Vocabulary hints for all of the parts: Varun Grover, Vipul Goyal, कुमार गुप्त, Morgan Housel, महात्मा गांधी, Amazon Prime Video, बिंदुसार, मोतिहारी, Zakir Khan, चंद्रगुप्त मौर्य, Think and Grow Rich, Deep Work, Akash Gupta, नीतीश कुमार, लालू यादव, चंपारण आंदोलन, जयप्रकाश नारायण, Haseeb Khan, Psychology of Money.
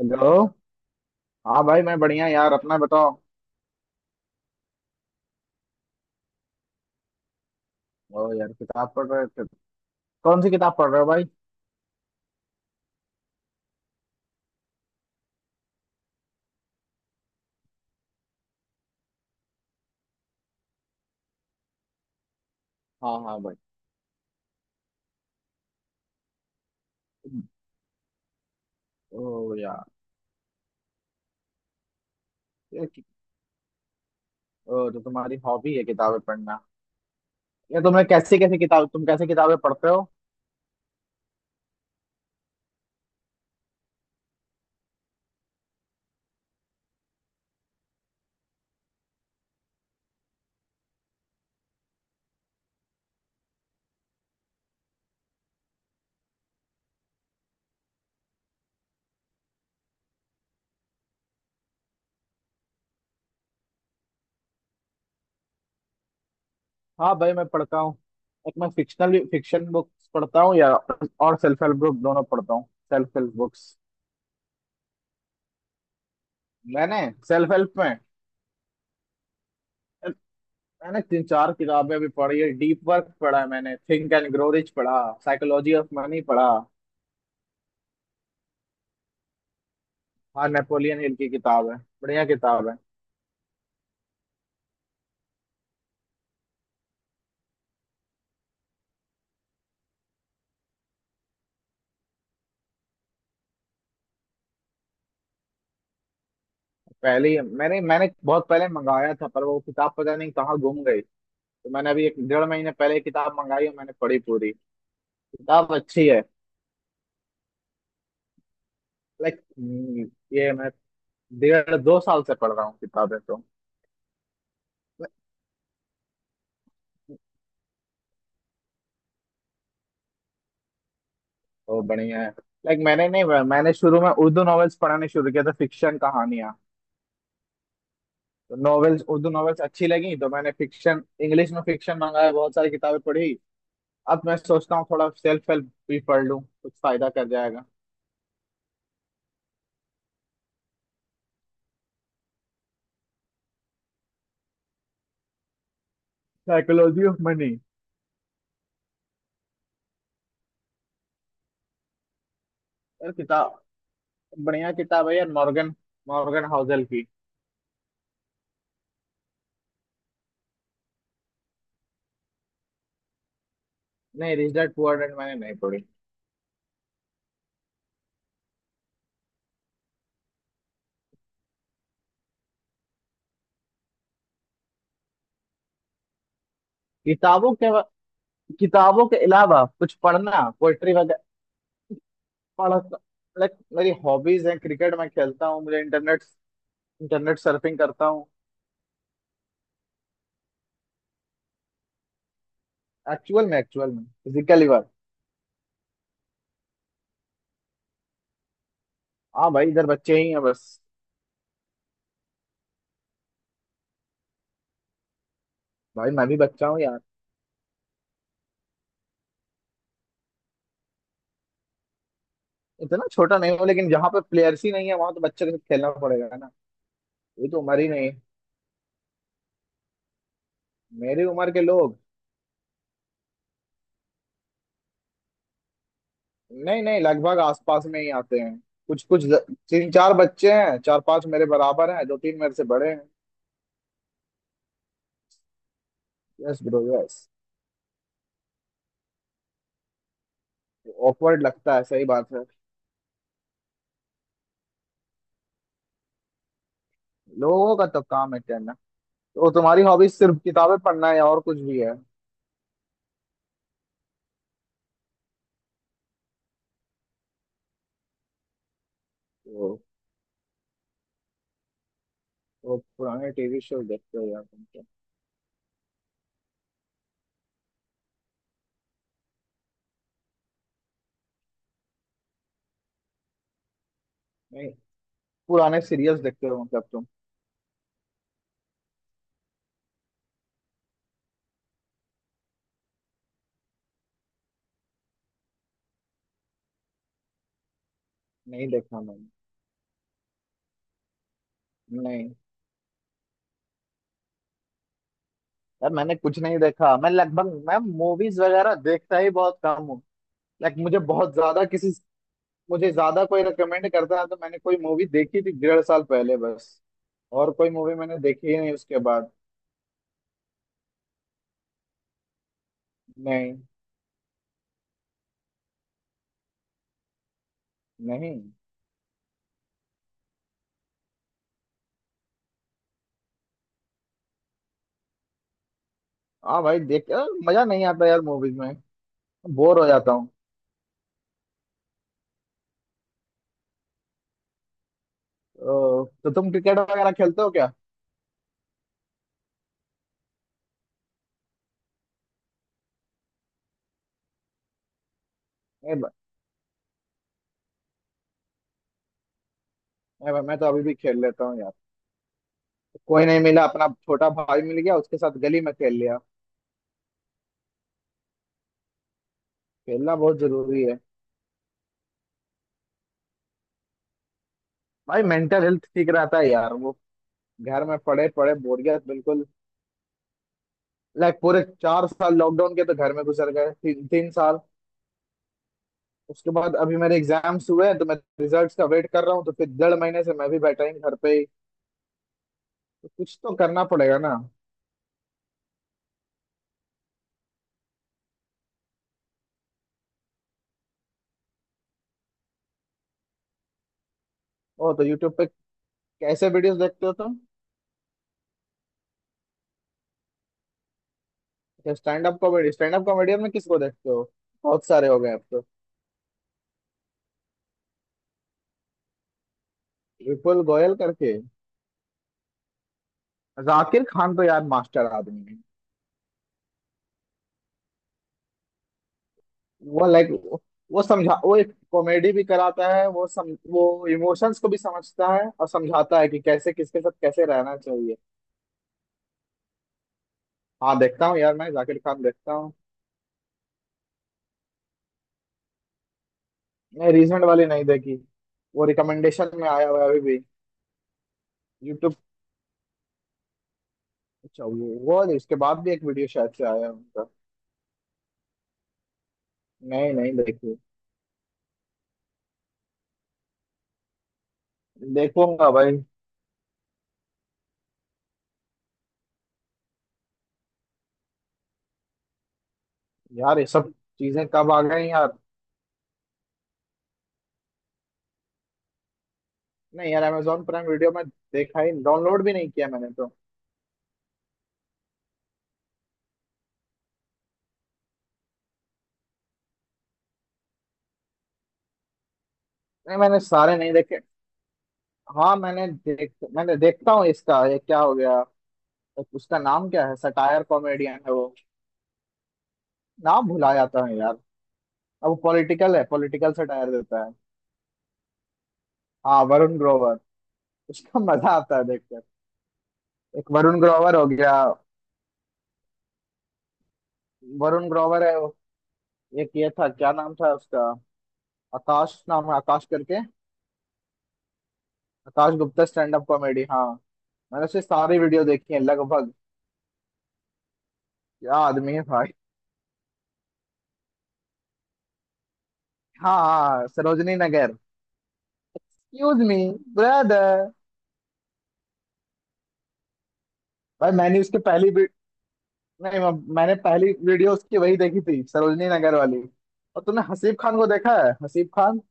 Hello. हाँ भाई मैं बढ़िया। यार अपना बताओ। ओ यार, किताब पढ़ रहे थे। कौन सी किताब पढ़ रहे हो भाई? हाँ हाँ भाई। ओ यार। ये कि- ओ तो तुम्हारी हॉबी है किताबें पढ़ना। ये तुम्हें कैसी कैसी किताब, तुम कैसे किताबें पढ़ते हो? हाँ भाई मैं पढ़ता हूँ। एक मैं फिक्शनल फिक्शन बुक्स पढ़ता हूँ या और सेल्फ हेल्प बुक, दोनों पढ़ता हूँ। Self help books. मैंने सेल्फ हेल्प में मैंने तीन चार किताबें भी पढ़ी है। डीप वर्क पढ़ा है मैंने, थिंक एंड ग्रो रिच पढ़ा, साइकोलॉजी ऑफ मनी पढ़ा। हाँ नेपोलियन हिल की किताब है। बढ़िया किताब है। पहले ही मैंने मैंने बहुत पहले मंगाया था, पर वो किताब पता नहीं कहाँ गुम गई। तो मैंने अभी एक डेढ़ महीने पहले ये किताब मंगाई और मैंने पढ़ी पूरी। किताब अच्छी है। लाइक, ये मैं डेढ़ दो साल से पढ़ रहा हूँ किताबें तो। तो बढ़िया है। लाइक, मैंने नहीं मैंने शुरू में उर्दू नॉवेल्स पढ़ने शुरू किया था, फिक्शन कहानियां। तो नॉवेल्स, उर्दू नॉवेल्स अच्छी लगी तो मैंने फिक्शन, इंग्लिश में फिक्शन मंगाया, बहुत सारी किताबें पढ़ी। अब मैं सोचता हूँ थोड़ा सेल्फ हेल्प भी पढ़ लूँ, कुछ फायदा कर जाएगा। साइकोलॉजी ऑफ मनी, यार किताब, बढ़िया किताब है यार। मॉर्गन, मॉर्गन हाउसल की। नहीं, रिच डैड पुअर डैड मैंने नहीं पढ़ी। किताबों के, किताबों के अलावा कुछ पढ़ना, पोएट्री वगैरह? पढ़, लाइक मेरी हॉबीज हैं क्रिकेट मैं खेलता हूँ, मुझे इंटरनेट, इंटरनेट सर्फिंग करता हूँ। एक्चुअल में फिजिकली बात। हाँ भाई इधर बच्चे ही हैं बस। भाई मैं भी बच्चा हूँ यार। इतना छोटा नहीं हूँ, लेकिन जहाँ पे प्लेयर्स ही नहीं है वहां तो बच्चे के साथ खेलना पड़ेगा ना। ये तो उम्र ही नहीं है। मेरी उम्र के लोग। नहीं नहीं, लगभग आसपास में ही आते हैं। कुछ कुछ तीन चार बच्चे हैं, चार पांच मेरे बराबर हैं, दो तीन मेरे से बड़े हैं। Yes bro yes. ऑकवर्ड लगता है, सही बात है। लोगों का तो काम है कहना। तो तुम्हारी हॉबीज सिर्फ किताबें पढ़ना है या और कुछ भी है? तो, तो पुराने टीवी शो देखते हो यार तुम तो? नहीं, पुराने सीरियल्स देखते हो मतलब तुम? नहीं देखा मैंने। नहीं यार, मैंने कुछ नहीं देखा। मैं लगभग मैं मूवीज वगैरह देखता ही बहुत कम हूँ। लाइक मुझे बहुत ज्यादा किसी, मुझे ज्यादा कोई रिकमेंड करता है तो, मैंने कोई मूवी देखी थी डेढ़ साल पहले, बस। और कोई मूवी मैंने देखी ही नहीं उसके बाद। नहीं नहीं। हाँ भाई देख यार, मजा नहीं आता यार मूवीज में। बोर हो जाता हूँ। तो तुम क्रिकेट वगैरह खेलते हो क्या? ए, ब- मैं तो अभी भी खेल लेता हूँ यार। कोई नहीं मिला, अपना छोटा भाई मिल गया, उसके साथ गली में खेल लिया। खेलना बहुत जरूरी है। भाई मेंटल हेल्थ ठीक रहता है यार वो। घर में पड़े पड़े बोरियत बिल्कुल। लाइक पूरे चार साल लॉकडाउन के तो घर में गुजर गए, तीन साल। उसके बाद अभी मेरे एग्जाम्स हुए हैं, तो मैं रिजल्ट्स का वेट कर रहा हूँ, तो फिर डेढ़ महीने से मैं भी बैठा ही घर पे ही। तो कुछ तो करना पड़ेगा ना। ओ तो यूट्यूब पे कैसे वीडियोस देखते हो तुम? Stand up comedy, stand up comedian में किसको देखते हो? बहुत सारे हो गए अब तो। विपुल गोयल करके? जाकिर खान तो यार मास्टर आदमी है। वो लाइक, वो समझा, वो एक कॉमेडी भी कराता है, वो सम वो इमोशंस को भी समझता है और समझाता है कि कैसे किसके साथ कैसे रहना चाहिए। हाँ देखता हूँ यार, मैं जाकिर खान देखता हूँ। नहीं रिसेंट वाली नहीं देखी। वो रिकमेंडेशन में आया हुआ है अभी भी, यूट्यूब। अच्छा, वो इसके बाद भी एक वीडियो शायद से आया है उनका। नहीं नहीं देखी। देखूंगा भाई। यार ये सब चीजें कब आ गई यार। नहीं यार Amazon प्राइम वीडियो में देखा ही, डाउनलोड भी नहीं किया मैंने तो। नहीं मैंने सारे नहीं देखे। हाँ मैंने देख मैंने देखता हूँ इसका, ये क्या हो गया उसका नाम, क्या है, सटायर कॉमेडियन है वो, नाम भुला जाता है यार। अब वो पॉलिटिकल है, पॉलिटिकल सटायर देता है। हाँ वरुण ग्रोवर। उसका मजा आता है देख। एक वरुण ग्रोवर हो गया। वरुण ग्रोवर है वो। एक ये था, क्या नाम था उसका, आकाश नाम है, आकाश करके। Akash Gupta stand up comedy, हाँ। मैंने उसकी सारी वीडियो देखी है लगभग। क्या आदमी है भाई। हाँ हाँ Sarojini Nagar. Excuse me brother. भाई मैंने उसकी पहली वी- नहीं मैं- मैंने पहली वीडियो उसकी वही देखी थी, सरोजनी नगर वाली। और तुमने हसीब खान को देखा है? हसीब खान,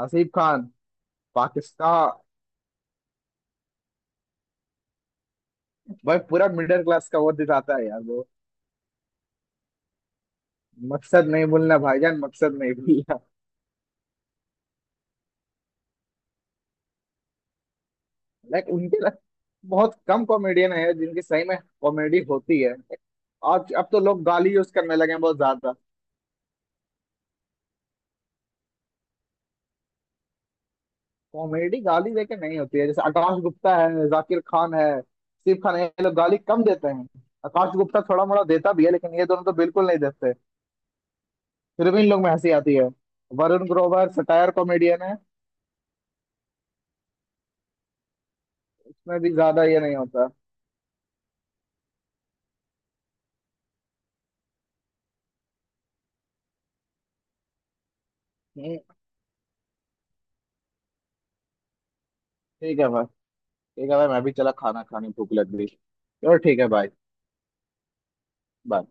हसीब खान, पाकिस्तान। भाई पूरा मिडिल क्लास का वो दिखाता है यार वो। मकसद नहीं भूलना भाईजान, मकसद नहीं भूलना। लाइक बहुत कम कॉमेडियन है जिनकी सही में कॉमेडी होती है। आज अब तो लोग गाली यूज करने लगे हैं बहुत ज्यादा। कॉमेडी गाली देके नहीं होती है। जैसे आकाश गुप्ता है, जाकिर खान है, सिर्फ खान है, ये लोग गाली कम देते हैं। आकाश गुप्ता थोड़ा मोड़ा देता भी है, लेकिन ये दोनों तो बिल्कुल नहीं देते। फिर भी इन लोग में हंसी आती है। वरुण ग्रोवर सटायर कॉमेडियन है, उसमें भी ज्यादा ये नहीं होता। हम्म। ठीक है भाई। ठीक है भाई, मैं भी चला खाना खाने, भूख लग गई। चलो ठीक है भाई। बाय।